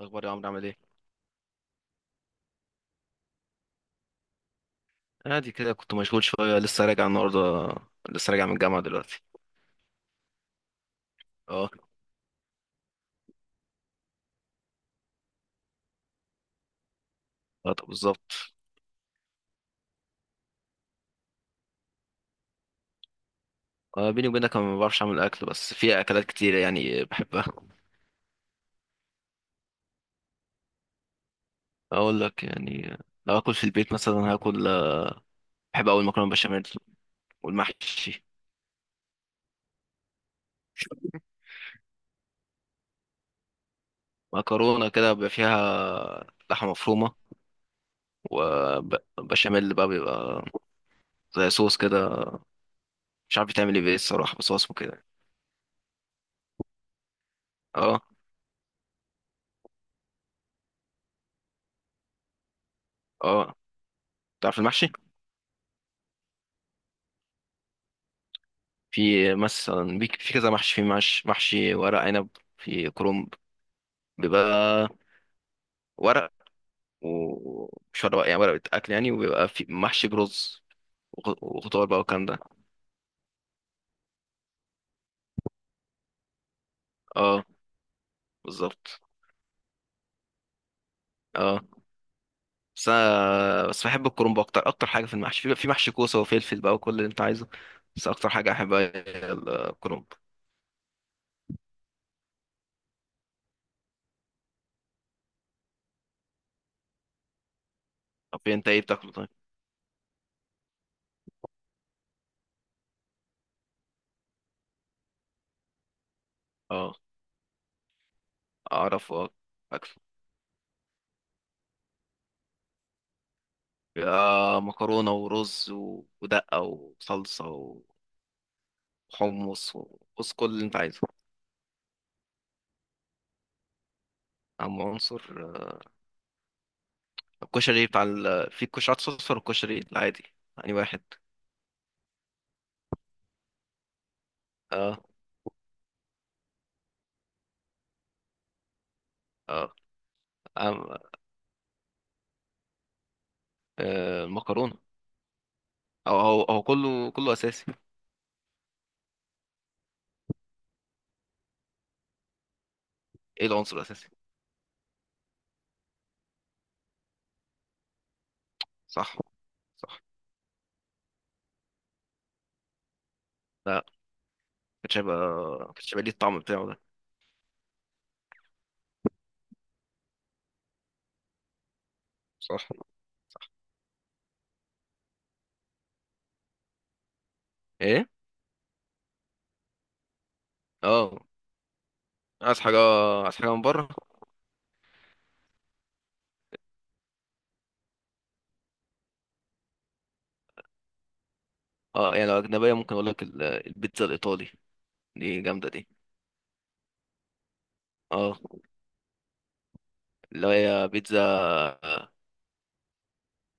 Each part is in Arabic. اخبار يا عمرو، عامل ايه؟ عادي كده، كنت مشغول شويه، لسه راجع النهارده. لسه راجع من الجامعه دلوقتي. اه. آه، طب بالظبط. آه، بيني وبينك انا ما بعرفش اعمل اكل، بس في اكلات كتير يعني بحبها. اقول لك يعني. لو اكل في البيت مثلا هاكل بحب، اول مكرونه بشاميل، والمحشي. مكرونه كده بيبقى فيها لحمه مفرومه، وبشاميل بقى بيبقى زي صوص كده. مش عارف بتعمل ايه بيه الصراحه، بس هو اسمه كده. اه. اه. تعرف المحشي؟ في مثلا في كذا محشي، في محشي ورق عنب. في كرنب. بيبقى ورق. ومش ورق يعني، ورق اكل يعني، وبيبقى في محشي برز. وخضار بقى، والكلام ده. اه. بالظبط. اه. بس أنا بحب الكرنب، اكتر اكتر حاجه في المحشي، في محشي كوسه وفلفل بقى، وكل اللي انت عايزه. بس اكتر حاجه احبها هي الكرنب. طب انت ايه بتاكله طيب؟ اه. اعرف، اه. اكله. بيبقى مكرونه ورز ودقه وصلصه، حمص وبص، كل اللي انت عايزه. عنصر الكشري بتاع في كشري اصفر والكشري العادي. يعني واحد. اه. اه. آم- المكرونه. او هو كله كله اساسي. ايه العنصر الاساسي؟ صح. صح. لا، كانتش هيبقى. كانتش هيبقى ليه الطعم بتاعه ده. صح. ايه. اه. عايز حاجه عايز حاجه من بره. اه، يعني لو اجنبيه ممكن اقول لك البيتزا الايطالي. دي جامده دي. اه. اللي هي بيتزا.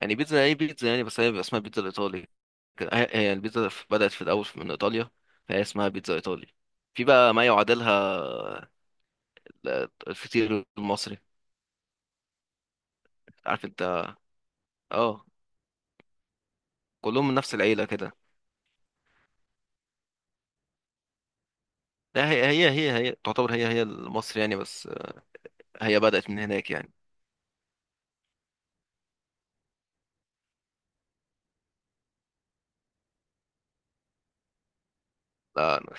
يعني بيتزا، ايه بيتزا يعني، بس هي بيبقى اسمها بيتزا الايطالي. هي البيتزا بدأت في الأول من إيطاليا. فهي اسمها بيتزا إيطالي. في بقى ما يعادلها، الفطير المصري. عارف أنت؟ اه. كلهم من نفس العيلة كده. لا، هي تعتبر هي المصري يعني، بس هي بدأت من هناك يعني. لا، أنا.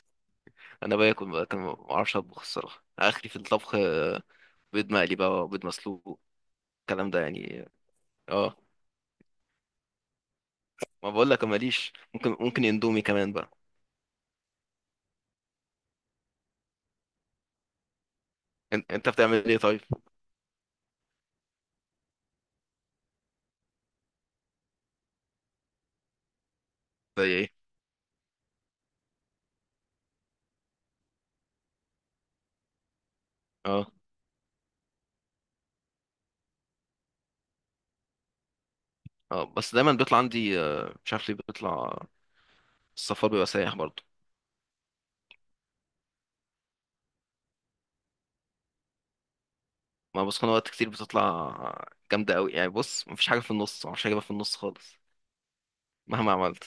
أنا باكل بقى كان ما أعرفش أطبخ، الصراحة آخري في الطبخ بيض مقلي بقى، وبيض مسلوق. الكلام ده يعني. اه. ما بقول لك ماليش، ممكن اندومي كمان بقى. انت بتعمل ايه طيب؟ زي ايه؟ اه. اه، بس دايما بيطلع عندي مش عارف ليه بيطلع. السفر بيبقى سايح برضه. ما بسخن وقت كتير بتطلع. جامدة قوي يعني، بص مفيش حاجة في النص، معرفش اجيبها في النص خالص. مهما عملت.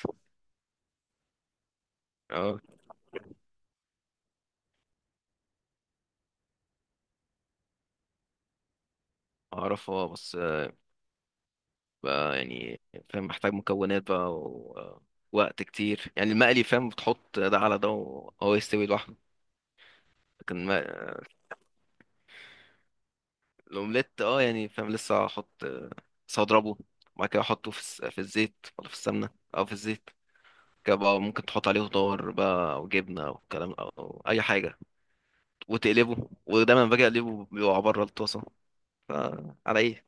اه. اعرف، اه، بس بقى يعني. فاهم، محتاج مكونات بقى، ووقت كتير يعني. المقلي فاهم، بتحط ده على ده وهو يستوي لوحده. لكن ما- الاومليت، اه، يعني فاهم، لسه هحط، لسه هضربه، وبعد كده احطه في في الزيت ولا في السمنة. او في الزيت. بقى ممكن تحط عليه خضار بقى، او جبنه او كلام او اي حاجه، وتقلبه. ودايما باجي اقلبه بيقع بره الطاسه، فعلى ايه.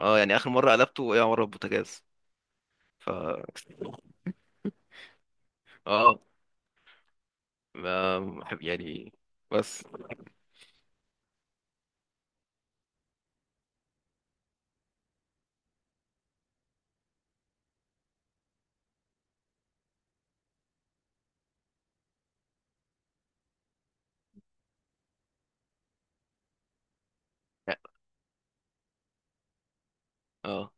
اه. يعني اخر مره قلبته وقع بره البوتاجاز. ف اه. بحب يعني. بس. اه.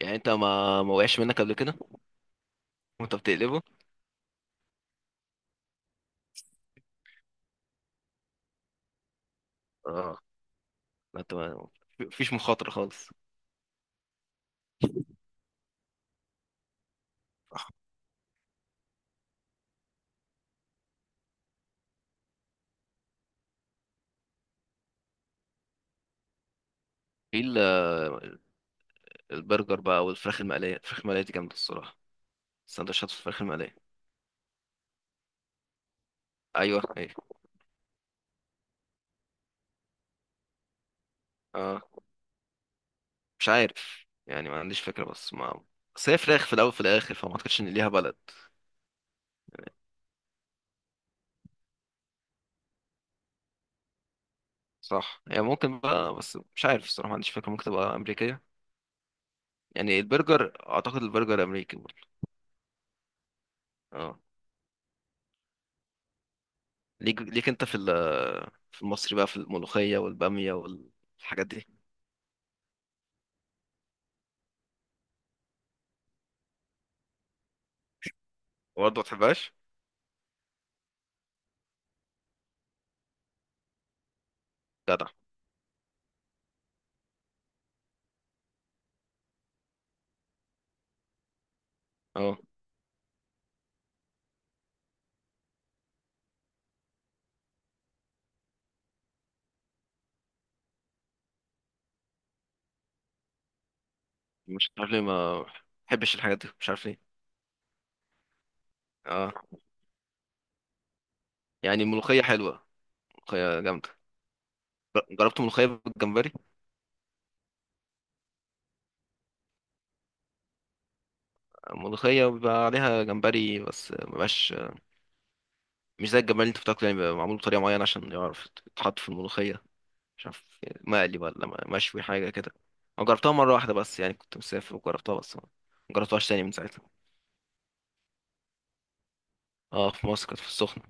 يعني انت ما وقعش منك قبل كده؟ وانت بتقلبه. اه. ما انت ما فيش مخاطره خالص. في البرجر بقى، والفراخ المقليه. الفراخ المقليه دي جامده الصراحه. سندوتشات الفراخ المقليه. ايوه، ايوه. اه. مش عارف يعني، ما عنديش فكرة، بس ما بس هي فراخ في الأول في الآخر، فما أعتقدش إن ليها بلد. صح، هي ممكن بقى، بس مش عارف الصراحة، ما عنديش فكرة، ممكن تبقى أمريكية. يعني البرجر، أعتقد البرجر أمريكي برضه. اه. ليك ليك أنت في في المصري بقى، في الملوخية والبامية والحاجات دي. برضه ما تحبهاش؟ جدع. اه، مش عارف ليه ما بحبش الحاجات دي، مش عارف ليه. اه، يعني الملوخية حلوة. ملوخية جامدة. جربت ملوخية بالجمبري. الملوخية بيبقى عليها جمبري، بس مبقاش مش زي الجمال اللي انت بتاكله يعني، بيبقى معمول بطريقه معينه عشان يعرف يتحط في الملوخيه. مش عارف، مقلي ولا مشوي حاجه كده. انا جربتها مره واحده بس يعني، كنت مسافر وجربتها، بس ما ما جربتهاش تاني من ساعتها. اه، في مصر كانت في السخنه.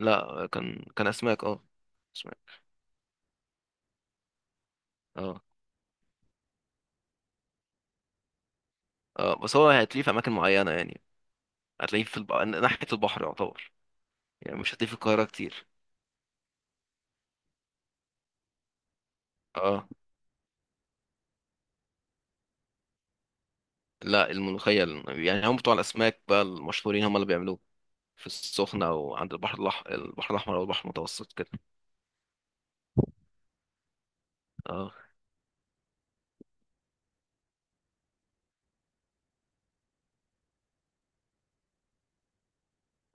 لا، كان اسماك، اه. اسماك. اه، اه، بس هو هتلاقيه في اماكن معينه يعني. هتلاقيه في ناحيه البحر يعتبر. يعني مش هتلاقيه في القاهره كتير. اه. لا، الملوخيه، يعني هم بتوع الاسماك بقى المشهورين هم اللي بيعملوه. في السخنه وعند البحر البحر الاحمر او البحر المتوسط كده. اه.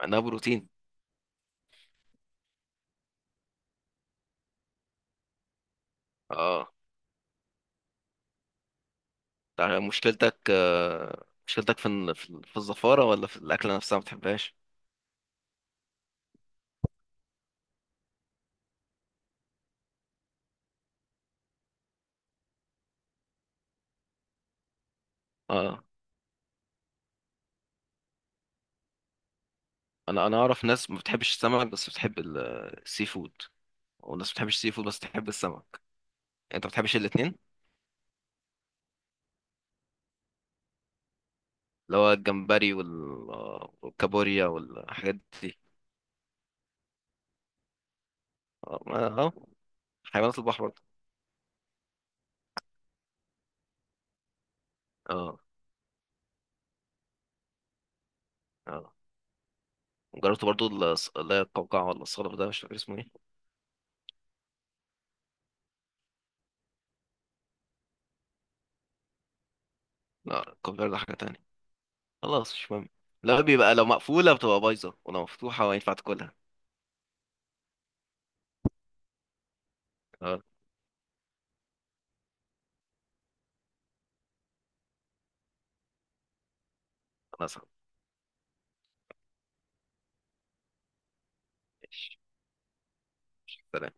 عندها بروتين. اه، ده مشكلتك مشكلتك في في الزفارة، ولا في الأكلة نفسها ما بتحبهاش؟ اه. انا اعرف ناس ما بتحبش السمك، بس بتحب السي فود. وناس ما بتحبش السي فود، بس بتحب السمك. يعني انت ما بتحبش الاتنين. اللي هو الجمبري والكابوريا والحاجات دي. اه. حيوانات البحر برضه. اه. اه. جربت برضه. اللي هي القوقعة ولا الصقر ده، مش فاكر اسمه ايه. لا، القوقعة ده حاجة تانية. خلاص، مش مهم. لا، بيبقى لو مقفولة بتبقى بايظة، ولو مفتوحة ينفع تاكلها. اه. خلاص. ماشي. سلام.